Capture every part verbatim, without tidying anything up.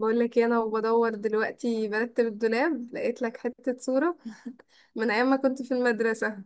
بقول لك إيه، انا وبدور دلوقتي برتب الدولاب، لقيت لك حتة صورة من ايام ما كنت في المدرسة.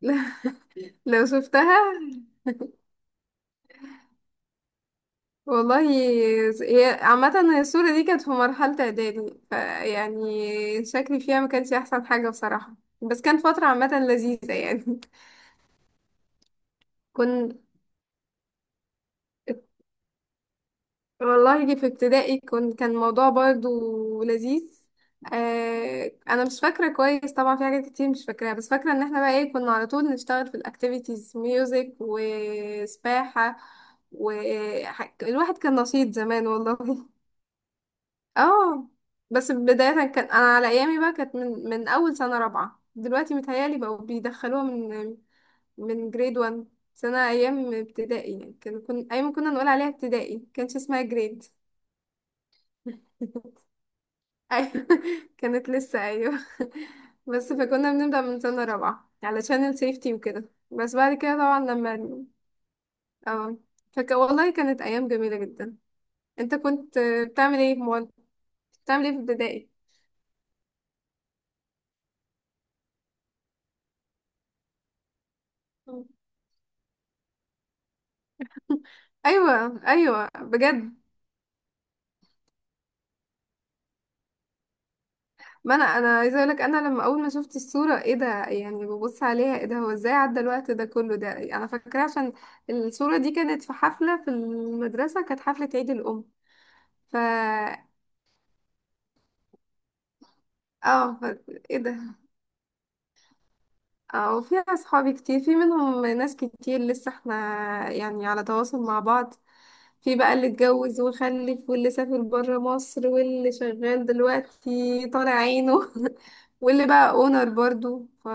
لو شفتها والله. هي عامة، هي الصورة دي كانت في مرحلة اعدادي، فيعني شكلي فيها ما كانش احسن حاجة بصراحة، بس كانت فترة عامة لذيذة يعني. كنت، والله دي في ابتدائي كنت كان الموضوع برضو لذيذ. آه انا مش فاكره كويس طبعا، في حاجات كتير مش فاكراها، بس فاكره ان احنا بقى ايه، كنا على طول نشتغل في الاكتيفيتيز، ميوزك وسباحه، والواحد كان نشيط زمان والله. اه بس بدايه كان، انا على ايامي بقى كانت من من اول سنه رابعه. دلوقتي متهيالي بقوا بيدخلوها من من جريد واحد. سنه ايام ابتدائي يعني، كان كنا ايام كنا نقول عليها ابتدائي، كانش اسمها جريد. أيوة. كانت لسه. أيوة. بس فكنا بنبدأ من سنة رابعة علشان السيفتي وكده، بس بعد كده طبعا لما اه فك... والله كانت أيام جميلة جدا. انت كنت بتعمل ايه في مول بتعمل ايه في ابتدائي؟ ايوه ايوه، بجد. ما انا انا عايزه اقولك، انا لما اول ما شفت الصوره، ايه ده يعني، ببص عليها، ايه ده، هو ازاي عدى الوقت ده كله، ده انا فاكره عشان الصوره دي كانت في حفله في المدرسه، كانت حفله عيد الام. ف اه ف... ايه ده. اه وفي اصحابي كتير، في منهم ناس كتير لسه احنا يعني على تواصل مع بعض. في بقى اللي اتجوز وخلف، واللي سافر برا مصر، واللي شغال دلوقتي طالع عينه، واللي بقى اونر برضو، ف...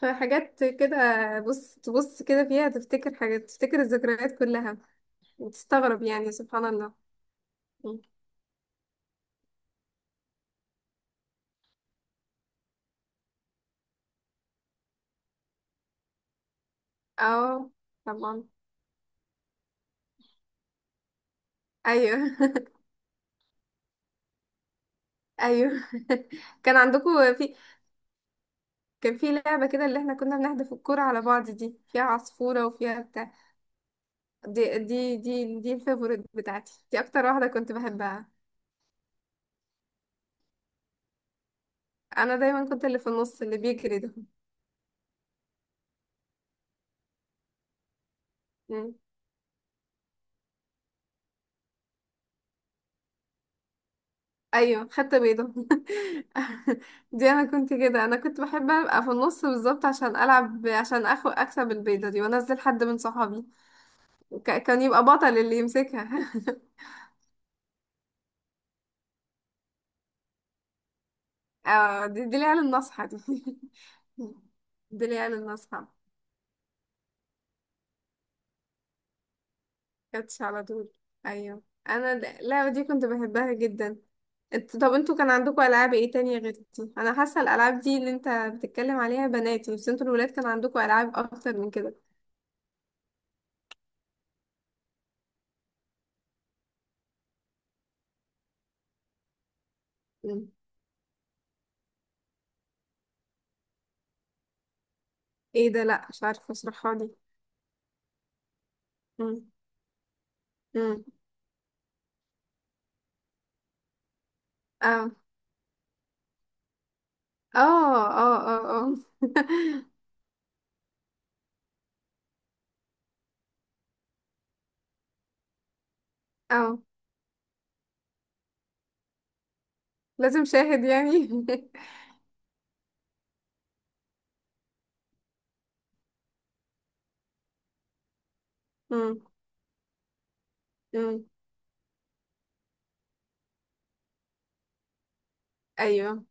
فحاجات كده. بص تبص كده فيها، تفتكر حاجات، تفتكر الذكريات كلها، وتستغرب يعني، سبحان الله. اه طبعا. ايوه. ايوه. كان عندكم في كان في لعبة كده اللي احنا كنا بنحدف الكرة على بعض، دي فيها عصفورة وفيها بتاع. دي دي دي دي الفيفوريت بتاعتي، دي أكتر واحدة كنت بحبها. أنا دايما كنت اللي في النص اللي بيجري ده. مم. أيوة، خدت بيضة. دي أنا كنت كده، أنا كنت بحب أبقى في النص بالظبط، عشان ألعب، عشان أخو أكسب البيضة دي وأنزل حد من صحابي. ك- كان يبقى بطل اللي يمسكها. اه دي دي العيال الناصحة دي. دي العيال الناصحة. كاتش على طول. ايوه. انا د- اللعبه دي كنت بحبها جدا. انت، طب انتوا كان عندكم العاب ايه تانية غير دي؟ انا حاسه الالعاب دي اللي انت بتتكلم عليها بناتي، بس انتوا الولاد كان عندكم العاب اكتر من كده. مم. ايه ده، لا، مش عارفه، اشرحها لي. مم. مم. اه اه اه اه اه. اه، لازم شاهد يعني. مم. مم. ايوه.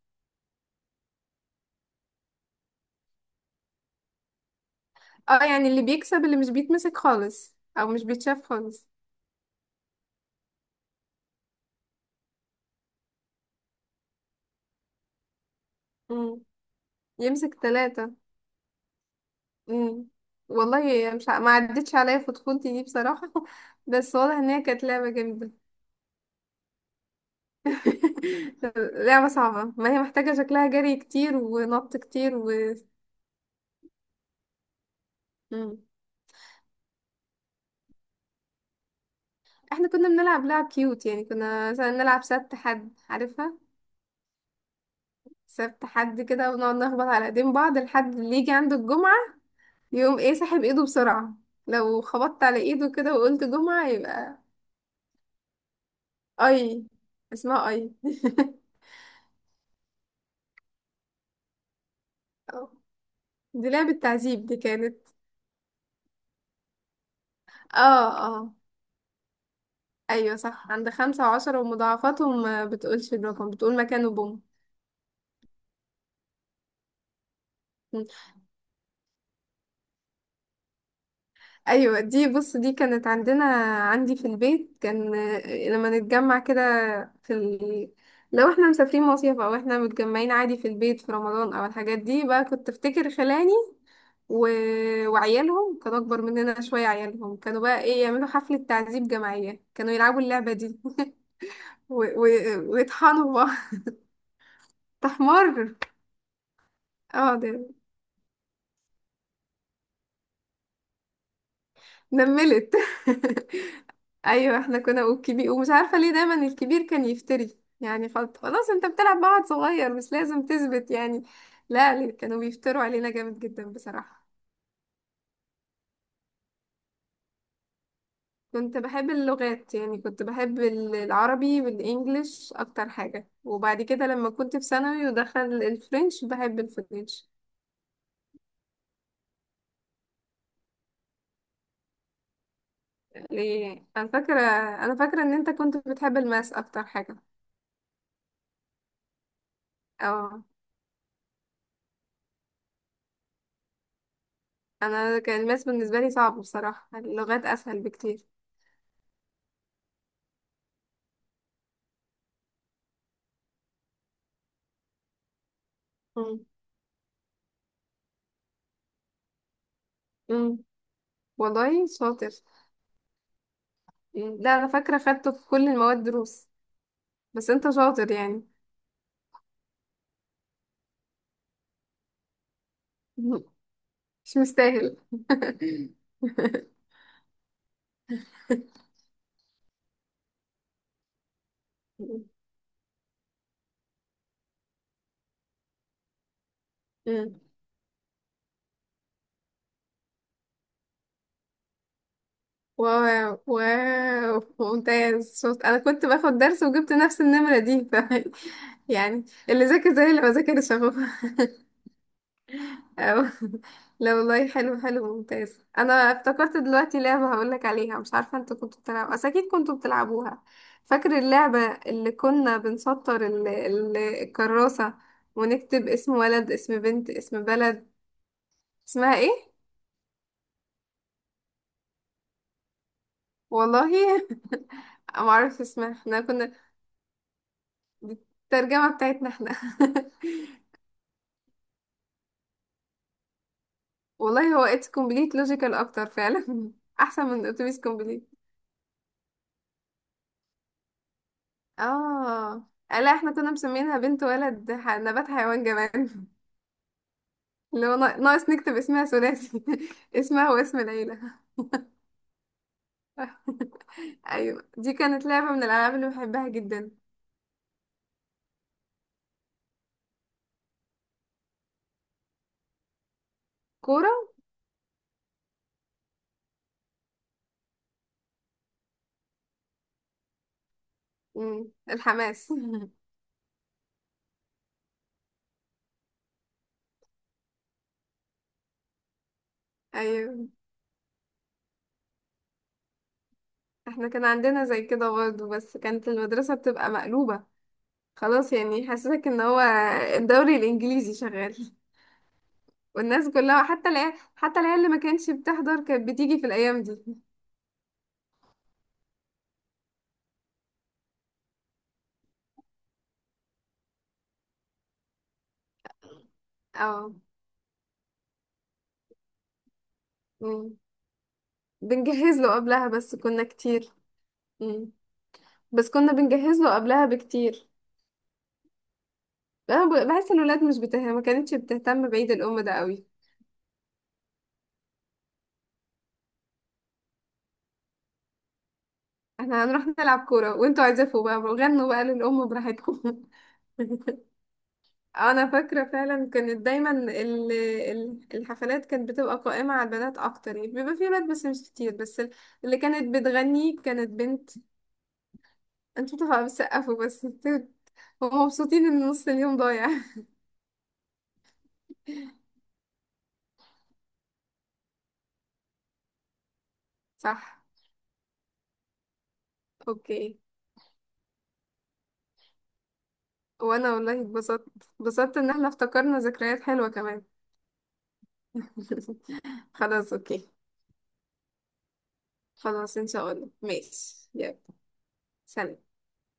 اه يعني اللي بيكسب اللي مش بيتمسك خالص او مش بيتشاف خالص. مم. يمسك ثلاثة. مم. والله مش ع- ما عدتش عليا في طفولتي دي بصراحة. بس واضح ان هي كانت لعبة جامدة. لعبة صعبة، ما هي محتاجة شكلها جري كتير ونط كتير و... مم. احنا كنا بنلعب لعب كيوت يعني، كنا مثلا نلعب سبت حد، عارفها؟ سبت حد كده، ونقعد نخبط على ايدين بعض لحد اللي يجي عنده الجمعة، يقوم ايه ساحب ايده بسرعة. لو خبطت على ايده كده وقلت جمعة يبقى. اي. اسمها اي؟ دي لعبة تعذيب دي كانت. اه اه، ايوه صح. عند خمسة وعشرة ومضاعفاتهم ما بتقولش الرقم، بتقول مكانه بوم. مم. ايوه دي، بص دي كانت عندنا، عندي في البيت كان، آه، لما نتجمع كده في ال... لو احنا مسافرين مصيف، او احنا متجمعين عادي في البيت في رمضان او الحاجات دي، بقى كنت افتكر خلاني و... وعيالهم كانوا اكبر مننا شوية، عيالهم كانوا بقى ايه، يعملوا حفلة تعذيب جماعية، كانوا يلعبوا اللعبة دي. و... و... ويطحنوا بعض. تحمر. اه ده. نملت. ايوه احنا كنا، والكبير ومش عارفه ليه دايما الكبير كان يفتري يعني، خلاص خلاص، انت بتلعب مع واحد صغير مش لازم تثبت يعني. لا ليه، كانوا بيفتروا علينا جامد جدا بصراحه. كنت بحب اللغات يعني، كنت بحب ال- العربي والانجليش اكتر حاجه، وبعد كده لما كنت في ثانوي ودخل الفرنش بحب الفرنش. ليه؟ انا فاكره انا فاكره ان انت كنت بتحب الماس اكتر حاجه. اه، انا كان الماس بالنسبه لي صعب بصراحه، اللغات اسهل بكتير. مم. والله شاطر يعني، ده انا فاكره خدته في كل المواد دروس، بس انت شاطر يعني. مش مستاهل. مم. و و ممتاز شاطر، انا كنت باخد درس وجبت نفس النمره دي، ف... يعني اللي ذاكر زي اللي ما ذاكرش اهو. أو. لا والله، حلو حلو، ممتاز. انا افتكرت دلوقتي لعبة هقولك عليها، مش عارفة انتوا كنتوا بتلعبوا، بس اكيد كنتوا بتلعبوها. فاكر اللعبة اللي كنا بنسطر ال... ال... الكراسة ونكتب اسم ولد اسم بنت اسم بلد؟ اسمها ايه؟ والله. معرفش اسمها، احنا كنا، دي الترجمة بتاعتنا احنا. والله هو اتس كومبليت لوجيكال اكتر فعلا، احسن من اتوبيس كومبليت. اه لا، احنا كنا مسمينها بنت ولد ح- نبات حيوان جمال، اللي هو نا- ناقص نكتب اسمها ثلاثي، اسمها واسم العيلة. أيوة، دي كانت لعبة من الألعاب اللي بحبها جدا. كورة. مم. الحماس. أيوة، احنا كان عندنا زي كده برضه، بس كانت المدرسة بتبقى مقلوبة، خلاص، يعني يحسسك ان هو الدوري الإنجليزي شغال. والناس كلها، حتى العيال حتى العيال اللي ما كانتش بتحضر كانت بتيجي في الأيام دي. اه. مم. بنجهز له قبلها بس كنا كتير. مم. بس كنا بنجهز له قبلها بكتير. انا ب- بحس ان الولاد مش بته... ما كانتش بتهتم بعيد الام ده قوي. احنا هنروح نلعب كوره وانتوا عزفوا بقى وغنوا بقى للام براحتكم. انا فاكره فعلا كانت دايما ال- ال- الحفلات كانت بتبقى قائمه على البنات اكتر يعني، بيبقى في ولاد بس مش كتير، بس ال- اللي كانت بتغني كانت بنت. انتوا بتبقوا بتسقفوا بس. انتوا هم مبسوطين ان نص اليوم ضايع. صح، اوكي. وانا والله اتبسطت، اتبسطت ان احنا افتكرنا ذكريات حلوه كمان. خلاص اوكي، خلاص ان شاء الله، ماشي، يلا، سلام.